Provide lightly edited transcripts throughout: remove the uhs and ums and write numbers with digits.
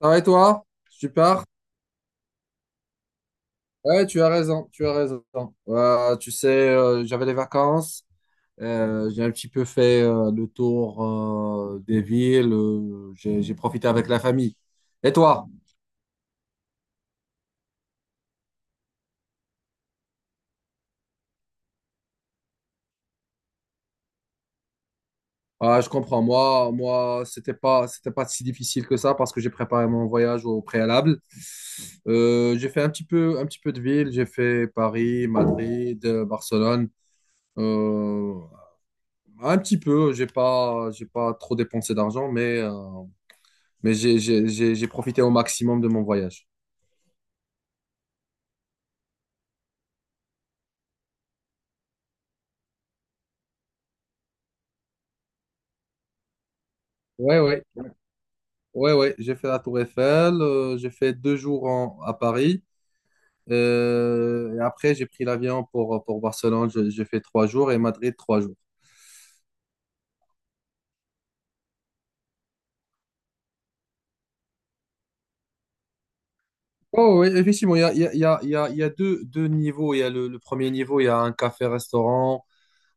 Ça va et toi? Super. Ouais, tu as raison, tu as raison. J'avais les vacances, j'ai un petit peu fait le tour des villes, j'ai profité avec la famille. Et toi? Ah, je comprends. Moi, c'était pas si difficile que ça parce que j'ai préparé mon voyage au préalable. J'ai fait un petit peu de ville. J'ai fait Paris, Madrid, Barcelone. Euh, un petit peu. J'ai pas trop dépensé d'argent, mais j'ai profité au maximum de mon voyage. Ouais, ouais, ouais, ouais. J'ai fait la Tour Eiffel, j'ai fait deux jours à Paris. Et après, j'ai pris l'avion pour Barcelone. J'ai fait trois jours et Madrid, trois jours. Oh, oui, effectivement, il y a, il y a, il y a, il y a il y a deux niveaux. Il y a le premier niveau, il y a un café-restaurant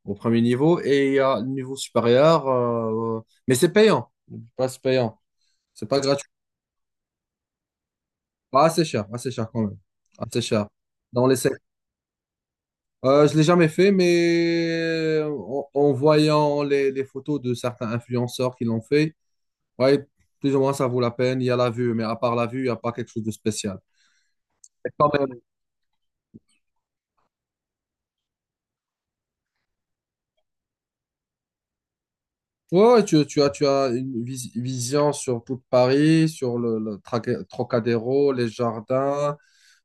au premier niveau, et il y a le niveau supérieur, mais c'est payant. Pas c'est payant. C'est pas gratuit. Pas assez cher, assez cher quand même. Assez cher. Dans les je l'ai jamais fait, mais en, en voyant les photos de certains influenceurs qui l'ont fait, ouais, plus ou moins ça vaut la peine. Il y a la vue, mais à part la vue, il n'y a pas quelque chose de spécial. Et quand même, ouais, ouais, tu as une vision sur toute Paris, sur le Trocadéro, les jardins.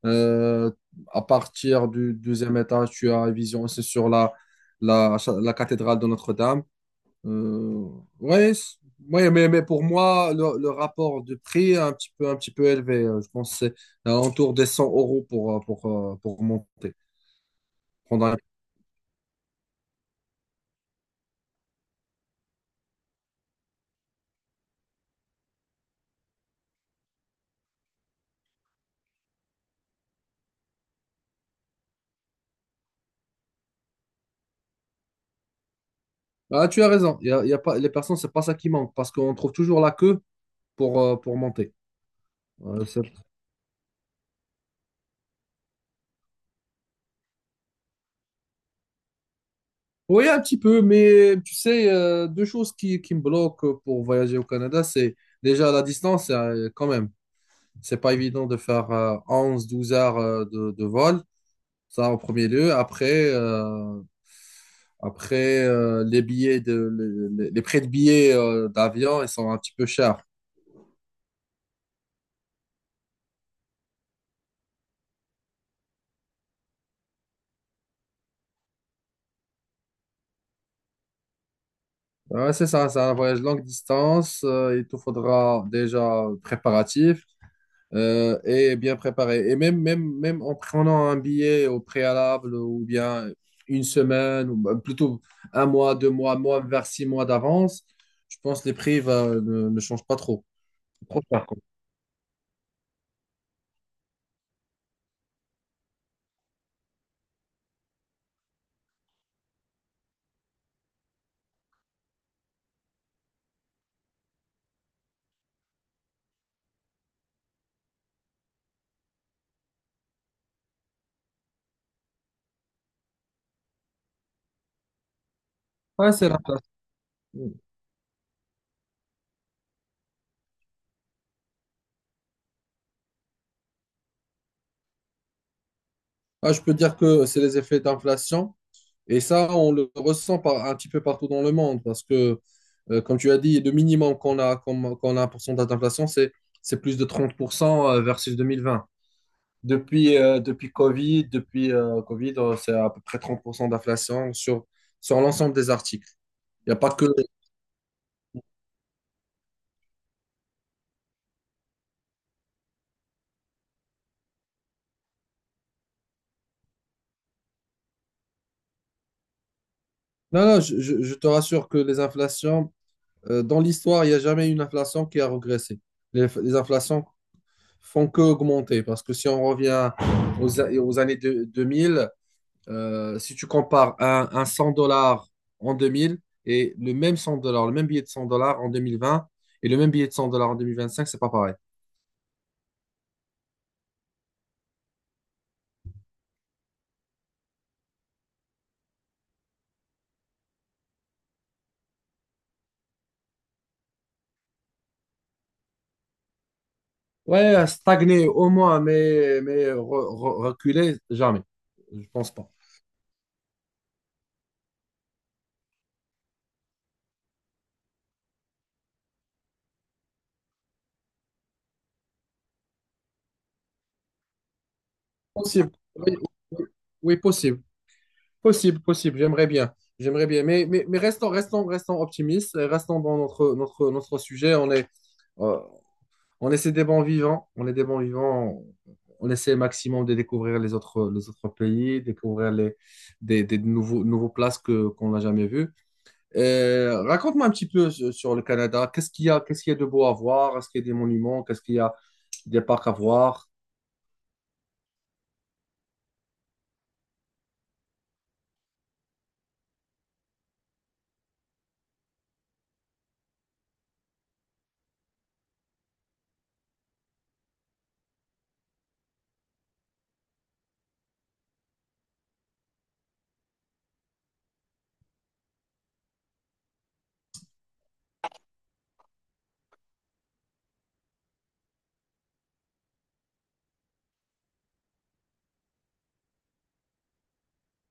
Euh, à partir du deuxième étage, tu as une vision aussi sur la, la cathédrale de Notre-Dame. Euh, ouais, c- ouais, mais pour moi, le rapport de prix est un petit peu élevé. Je pense que c'est alentour des 100 euros pour monter. Prendre un- Ah, tu as raison. Il y a pas, les personnes, c'est pas ça qui manque parce qu'on trouve toujours la queue pour monter. Euh, c'est- oui, un petit peu, mais tu sais, deux choses qui me bloquent pour voyager au Canada, c'est déjà la distance, quand même. C'est pas évident de faire onze douze heures de vol. Ça en premier lieu. Après, euh, Après, les les prix de billets d'avion, ils sont un petit peu chers. Ouais, c'est ça, c'est un voyage longue distance. Il te faudra déjà préparatif et bien préparé. Et même en prenant un billet au préalable, ou bien une semaine, ou bah, plutôt un mois, deux mois, mois vers six mois d'avance, je pense que les prix ne changent pas trop. Trop cher, quoi. Ouais, c'est l'inflation. Ah, je peux dire que c'est les effets d'inflation. Et ça, on le ressent un petit peu partout dans le monde parce que, comme tu as dit, le minimum qu'on a un pourcentage d'inflation, c'est plus de 30% versus 2020. Depuis Covid, c'est à peu près 30% d'inflation sur l'ensemble des articles. Il n'y a pas que... Non, non, je te rassure que les inflations, dans l'histoire, il n'y a jamais eu une inflation qui a régressé. Les inflations font que augmenter parce que si on revient aux années 2000. Si tu compares un 100 dollars en 2000 et le même 100 dollars, le même billet de 100 dollars en 2020 et le même billet de 100 dollars en deux mille vingt cinq, c'est pas pareil. Ouais, stagner au moins, mais reculer, jamais. Je pense pas. Possible. Oui, oui, oui, possible. Possible, possible. J'aimerais bien. J'aimerais bien. Mais restons, restons, restons optimistes. Restons dans notre sujet. Euh, On essaie des bons vivants, on est des bons vivants, on essaie au maximum de découvrir les autres pays, découvrir des nouveaux places qu'on n'a jamais vues. Raconte-moi un petit peu sur sur le Canada. Qu'est-ce qu'il y a, qu'est-ce qu'il y a de beau à voir? Est-ce qu'il y a des monuments? Qu'est-ce qu'il y a des parcs à voir?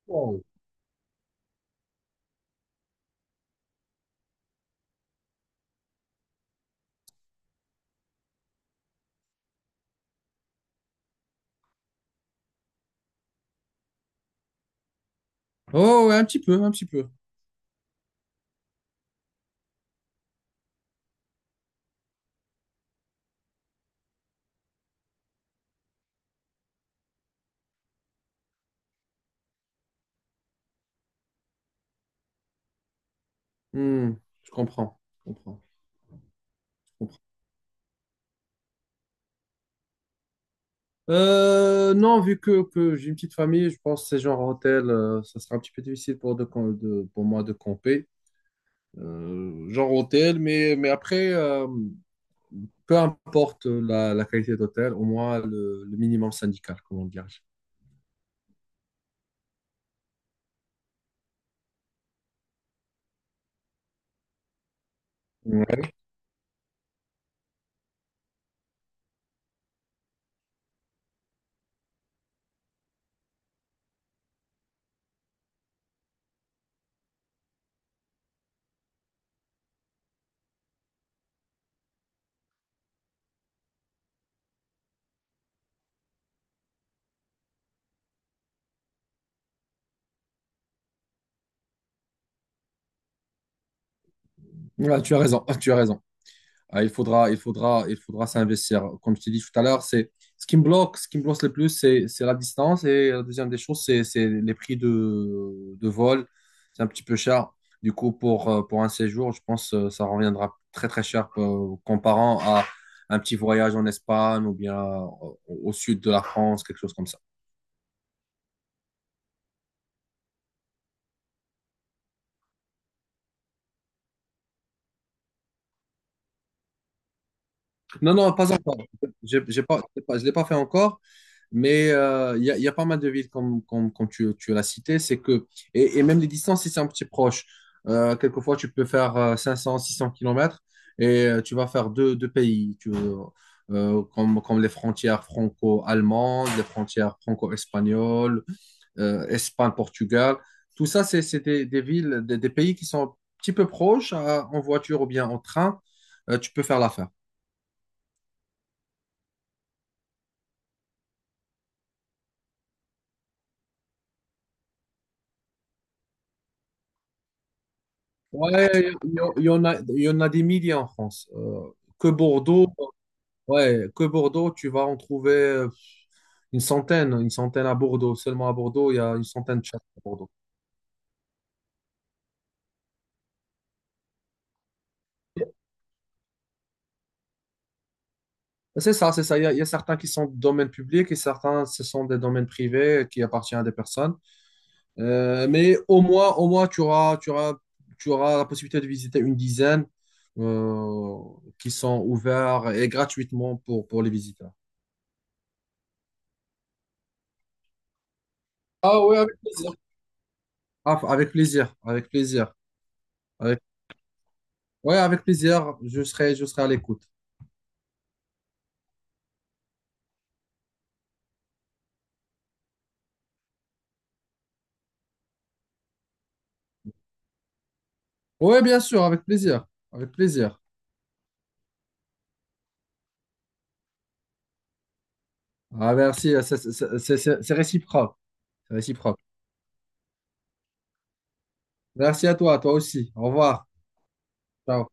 Wow. Oh, ouais, un petit peu, un petit peu. Hmm, je comprends, je comprends, je comprends. Non, vu que j'ai une petite famille, je pense que ces genres hôtels, ça sera un petit peu difficile pour moi de camper. Genre hôtel, mais après, peu importe la qualité d'hôtel, au moins le minimum syndical, comment dire. Ouais. Ouais, tu as raison, tu as raison. Ah, il faudra s'investir. Comme je t'ai dit tout à l'heure, c'est ce qui me bloque, ce qui me bloque le plus, c'est la distance. Et la deuxième des choses, c'est les prix de vol. C'est un petit peu cher. Du coup, pour un séjour, je pense que ça reviendra très très cher comparant à un petit voyage en Espagne, ou bien au sud de la France, quelque chose comme ça. Non, non, pas encore. J'ai pas- Je ne l'ai pas fait encore. Y a pas mal de villes, comme tu l'as cité. Et et même les distances, si c'est un petit proche, quelquefois tu peux faire 500, 600 kilomètres, et tu vas faire deux pays, comme les frontières franco-allemandes, les frontières franco-espagnoles, Espagne-Portugal. Tout ça, c'est des villes, des pays qui sont un petit peu proches en voiture ou bien en train. Tu peux faire l'affaire. Ouais, il y en a des milliers en France. Que Bordeaux, ouais, que Bordeaux, tu vas en trouver une centaine à Bordeaux. Seulement à Bordeaux, il y a une centaine de chats à Bordeaux. Ben, c'est ça, c'est ça. Il y a certains qui sont de domaine public, et certains, ce sont des domaines privés qui appartiennent à des personnes. Mais au moins, tu auras la possibilité de visiter une dizaine euh, qui sont ouverts et gratuitement pour les visiteurs. Ah oui, avec plaisir. Ah, avec plaisir, avec plaisir. Avec- Ouais, avec plaisir, je serai à l'écoute. Ouais, bien sûr, avec plaisir, avec plaisir. Ah, merci, c'est réciproque, c'est réciproque. Merci à toi, toi aussi. Au revoir. Ciao.